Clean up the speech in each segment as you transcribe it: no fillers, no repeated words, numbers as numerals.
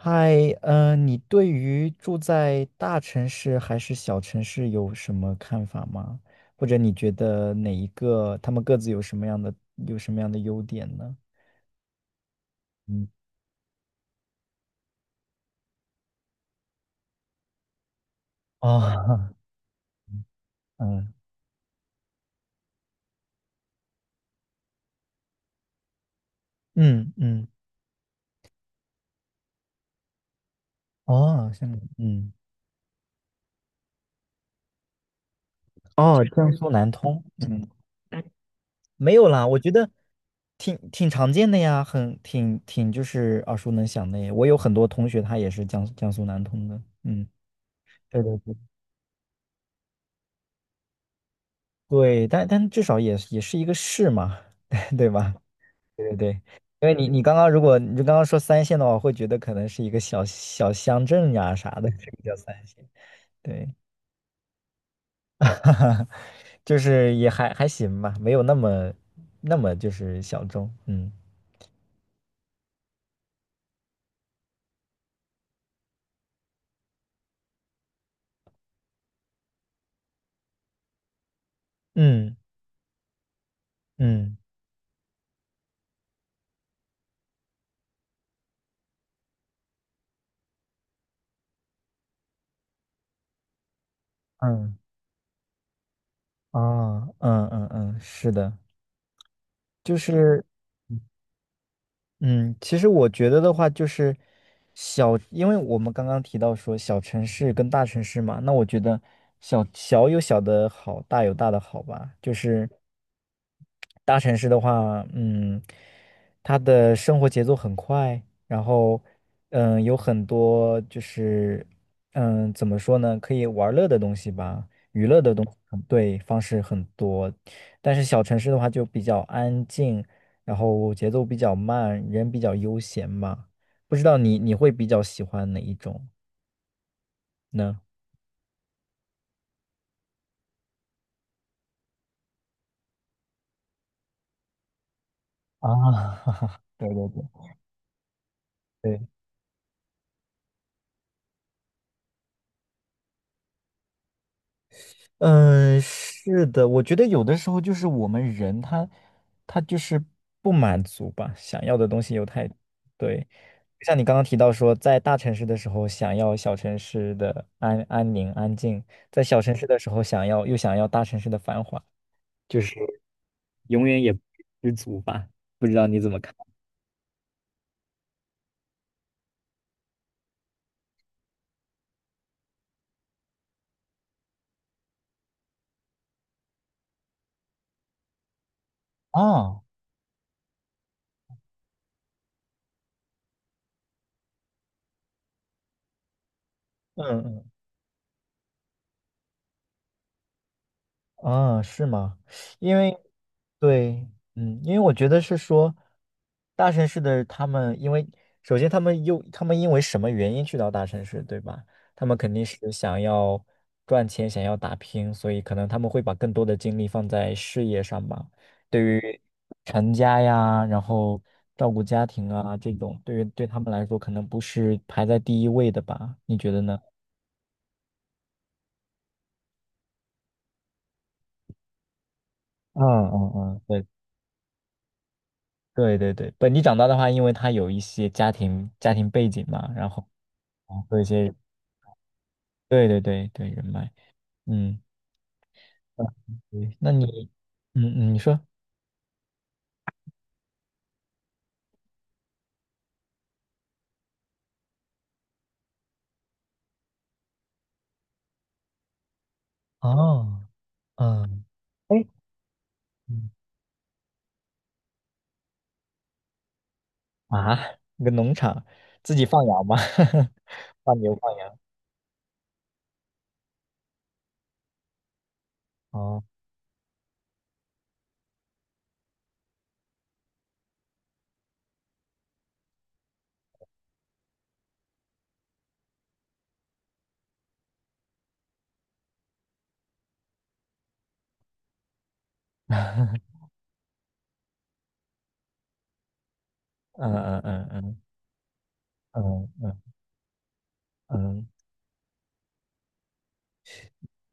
嗨，你对于住在大城市还是小城市有什么看法吗？或者你觉得哪一个，他们各自有什么样的优点呢？嗯，哦，嗯嗯嗯，哦，像嗯哦，江苏南通，嗯，没有啦，我觉得挺常见的呀，很挺就是耳熟能详的耶。我有很多同学他也是江苏南通的，嗯，对对对。对，但至少也是一个市嘛，对吧？对对对，因为你刚刚如果你就刚刚说三线的话，我会觉得可能是一个小小乡镇呀啥的，这个叫三线。对，就是也还行吧，没有那么就是小众。嗯嗯嗯嗯啊嗯嗯嗯，是的，就是。嗯，其实我觉得的话，就是小，因为我们刚刚提到说小城市跟大城市嘛，那我觉得小，小有小的好，大有大的好吧。就是大城市的话，嗯，他的生活节奏很快，然后，嗯，有很多就是，怎么说呢，可以玩乐的东西吧，娱乐的东西很对，方式很多。但是小城市的话就比较安静，然后节奏比较慢，人比较悠闲嘛。不知道你会比较喜欢哪一种呢？啊，对对对对，嗯，是的，我觉得有的时候就是我们人他他就是不满足吧，想要的东西又太，对，就像你刚刚提到说，在大城市的时候想要小城市的安静，在小城市的时候想要大城市的繁华，就是永远也不知足吧。不知道你怎么看？啊，嗯嗯，啊，是吗？因为对，嗯，因为我觉得是说，大城市的他们，因为首先他们因为什么原因去到大城市，对吧？他们肯定是想要赚钱，想要打拼，所以可能他们会把更多的精力放在事业上吧。对于成家呀，然后照顾家庭啊这种，对他们来说，可能不是排在第一位的吧？你觉得呢？嗯嗯嗯，对对对对，本地长大的话，因为他有一些家庭背景嘛，然后和一些对对对对人脉，嗯，嗯对那你，嗯嗯，你说哦，嗯，哎，嗯啊，一个农场自己放羊吗？放牛放羊？哦，嗯嗯嗯嗯嗯嗯嗯，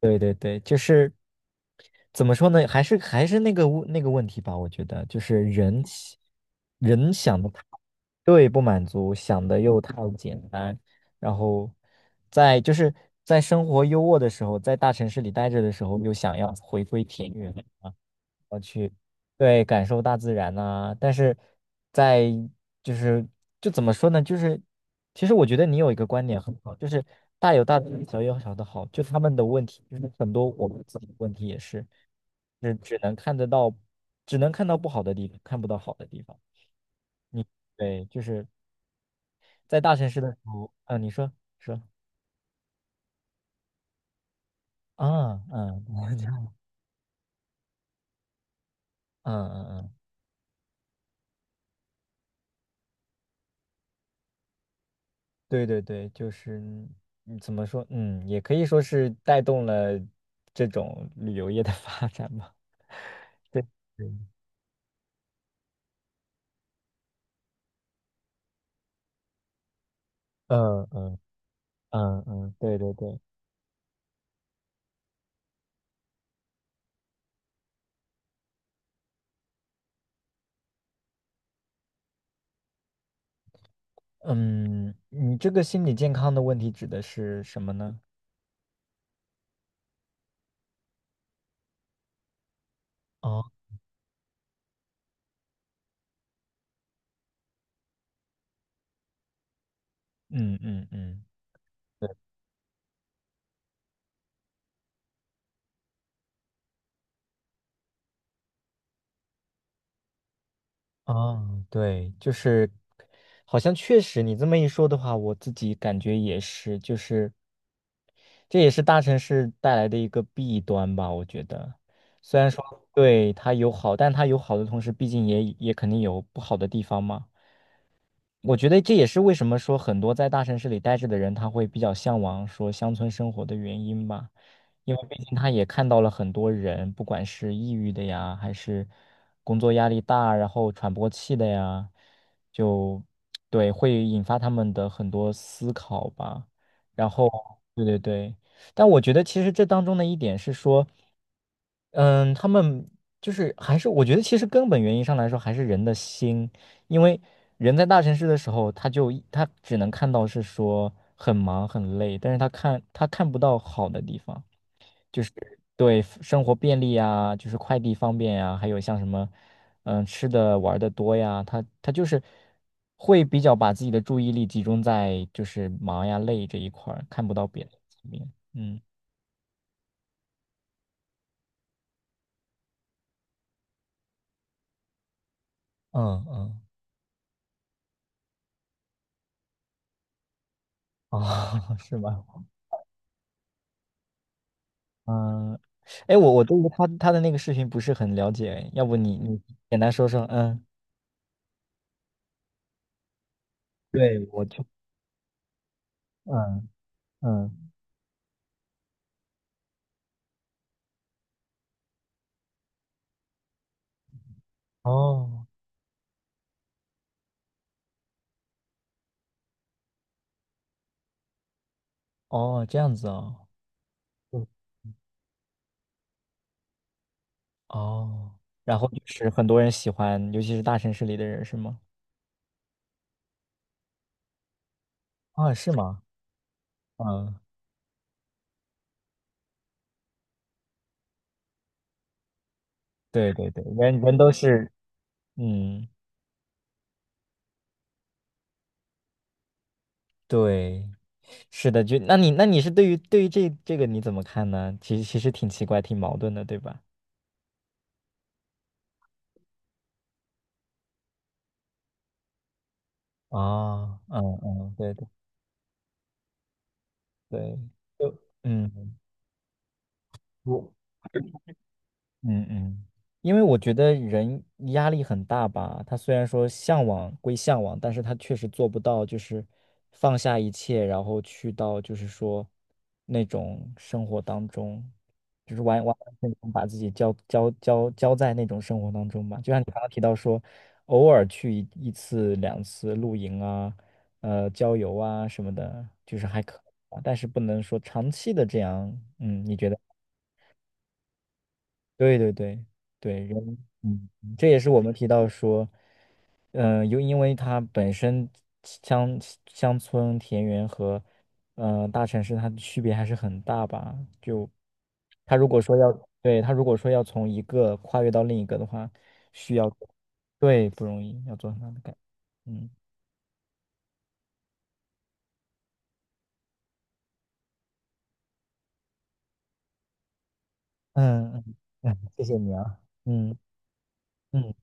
对对对，就是怎么说呢，还是那个那个问题吧，我觉得就是人想的太对不满足，想的又太简单，然后就是在生活优渥的时候，在大城市里待着的时候，又想要回归田园，我去，对，感受大自然呐、但是在就是就怎么说呢？就是其实我觉得你有一个观点很好，就是大有大的好，小有小的好，就他们的问题，就是很多我们自己的问题也是，是只能看得到，只能看到不好的地方，看不到好的地方。对，就是在大城市的时候，嗯、说啊，嗯，嗯嗯嗯。对对对，就是嗯怎么说，嗯，也可以说是带动了这种旅游业的 发展吧。对，对嗯嗯嗯嗯，对对对，嗯，你这个心理健康的问题指的是什么呢？哦，嗯嗯嗯，对，哦，对，就是好像确实你这么一说的话，我自己感觉也是，就是。这也是大城市带来的一个弊端吧，我觉得。虽然说对它有好，但它有好的同时，毕竟也肯定有不好的地方嘛。我觉得这也是为什么说很多在大城市里待着的人，他会比较向往说乡村生活的原因吧，因为毕竟他也看到了很多人，不管是抑郁的呀，还是工作压力大，然后喘不过气的呀，就对，会引发他们的很多思考吧。然后，对对对，但我觉得其实这当中的一点是说。嗯，他们就是还是我觉得其实根本原因上来说还是人的心，因为人在大城市的时候，他只能看到是说很忙很累，但是他看不到好的地方，就是对生活便利啊，就是快递方便呀，还有像什么嗯吃的玩的多呀，他就是会比较把自己的注意力集中在就是忙呀累这一块儿，看不到别的层面。嗯嗯嗯，哦，是吗？嗯，哎，我对于他的那个视频不是很了解，要不你简单说说？嗯，对，我就嗯嗯，哦哦，这样子哦，嗯，哦，然后就是很多人喜欢，尤其是大城市里的人，是吗？啊，是吗？嗯，对对对，人人都是，嗯，对，是的，就那你是对于这个你怎么看呢？其实挺奇怪，挺矛盾的，对吧？啊，嗯嗯，对对对，就嗯。我嗯嗯，因为我觉得人压力很大吧，他虽然说向往归向往，但是他确实做不到，就是放下一切，然后去到就是说那种生活当中，就是完全全把自己交在那种生活当中吧。就像你刚刚提到说，偶尔去一次两次露营啊，郊游啊什么的，就是还可以吧但是不能说长期的这样，嗯，你觉得？对对对对，人，嗯，这也是我们提到说，嗯，又因为它本身乡乡村、田园和，大城市它的区别还是很大吧。就他如果说要，对，他如果说要从一个跨越到另一个的话，需要，对，不容易，要做很大的改，嗯嗯嗯，嗯谢谢你啊，嗯嗯。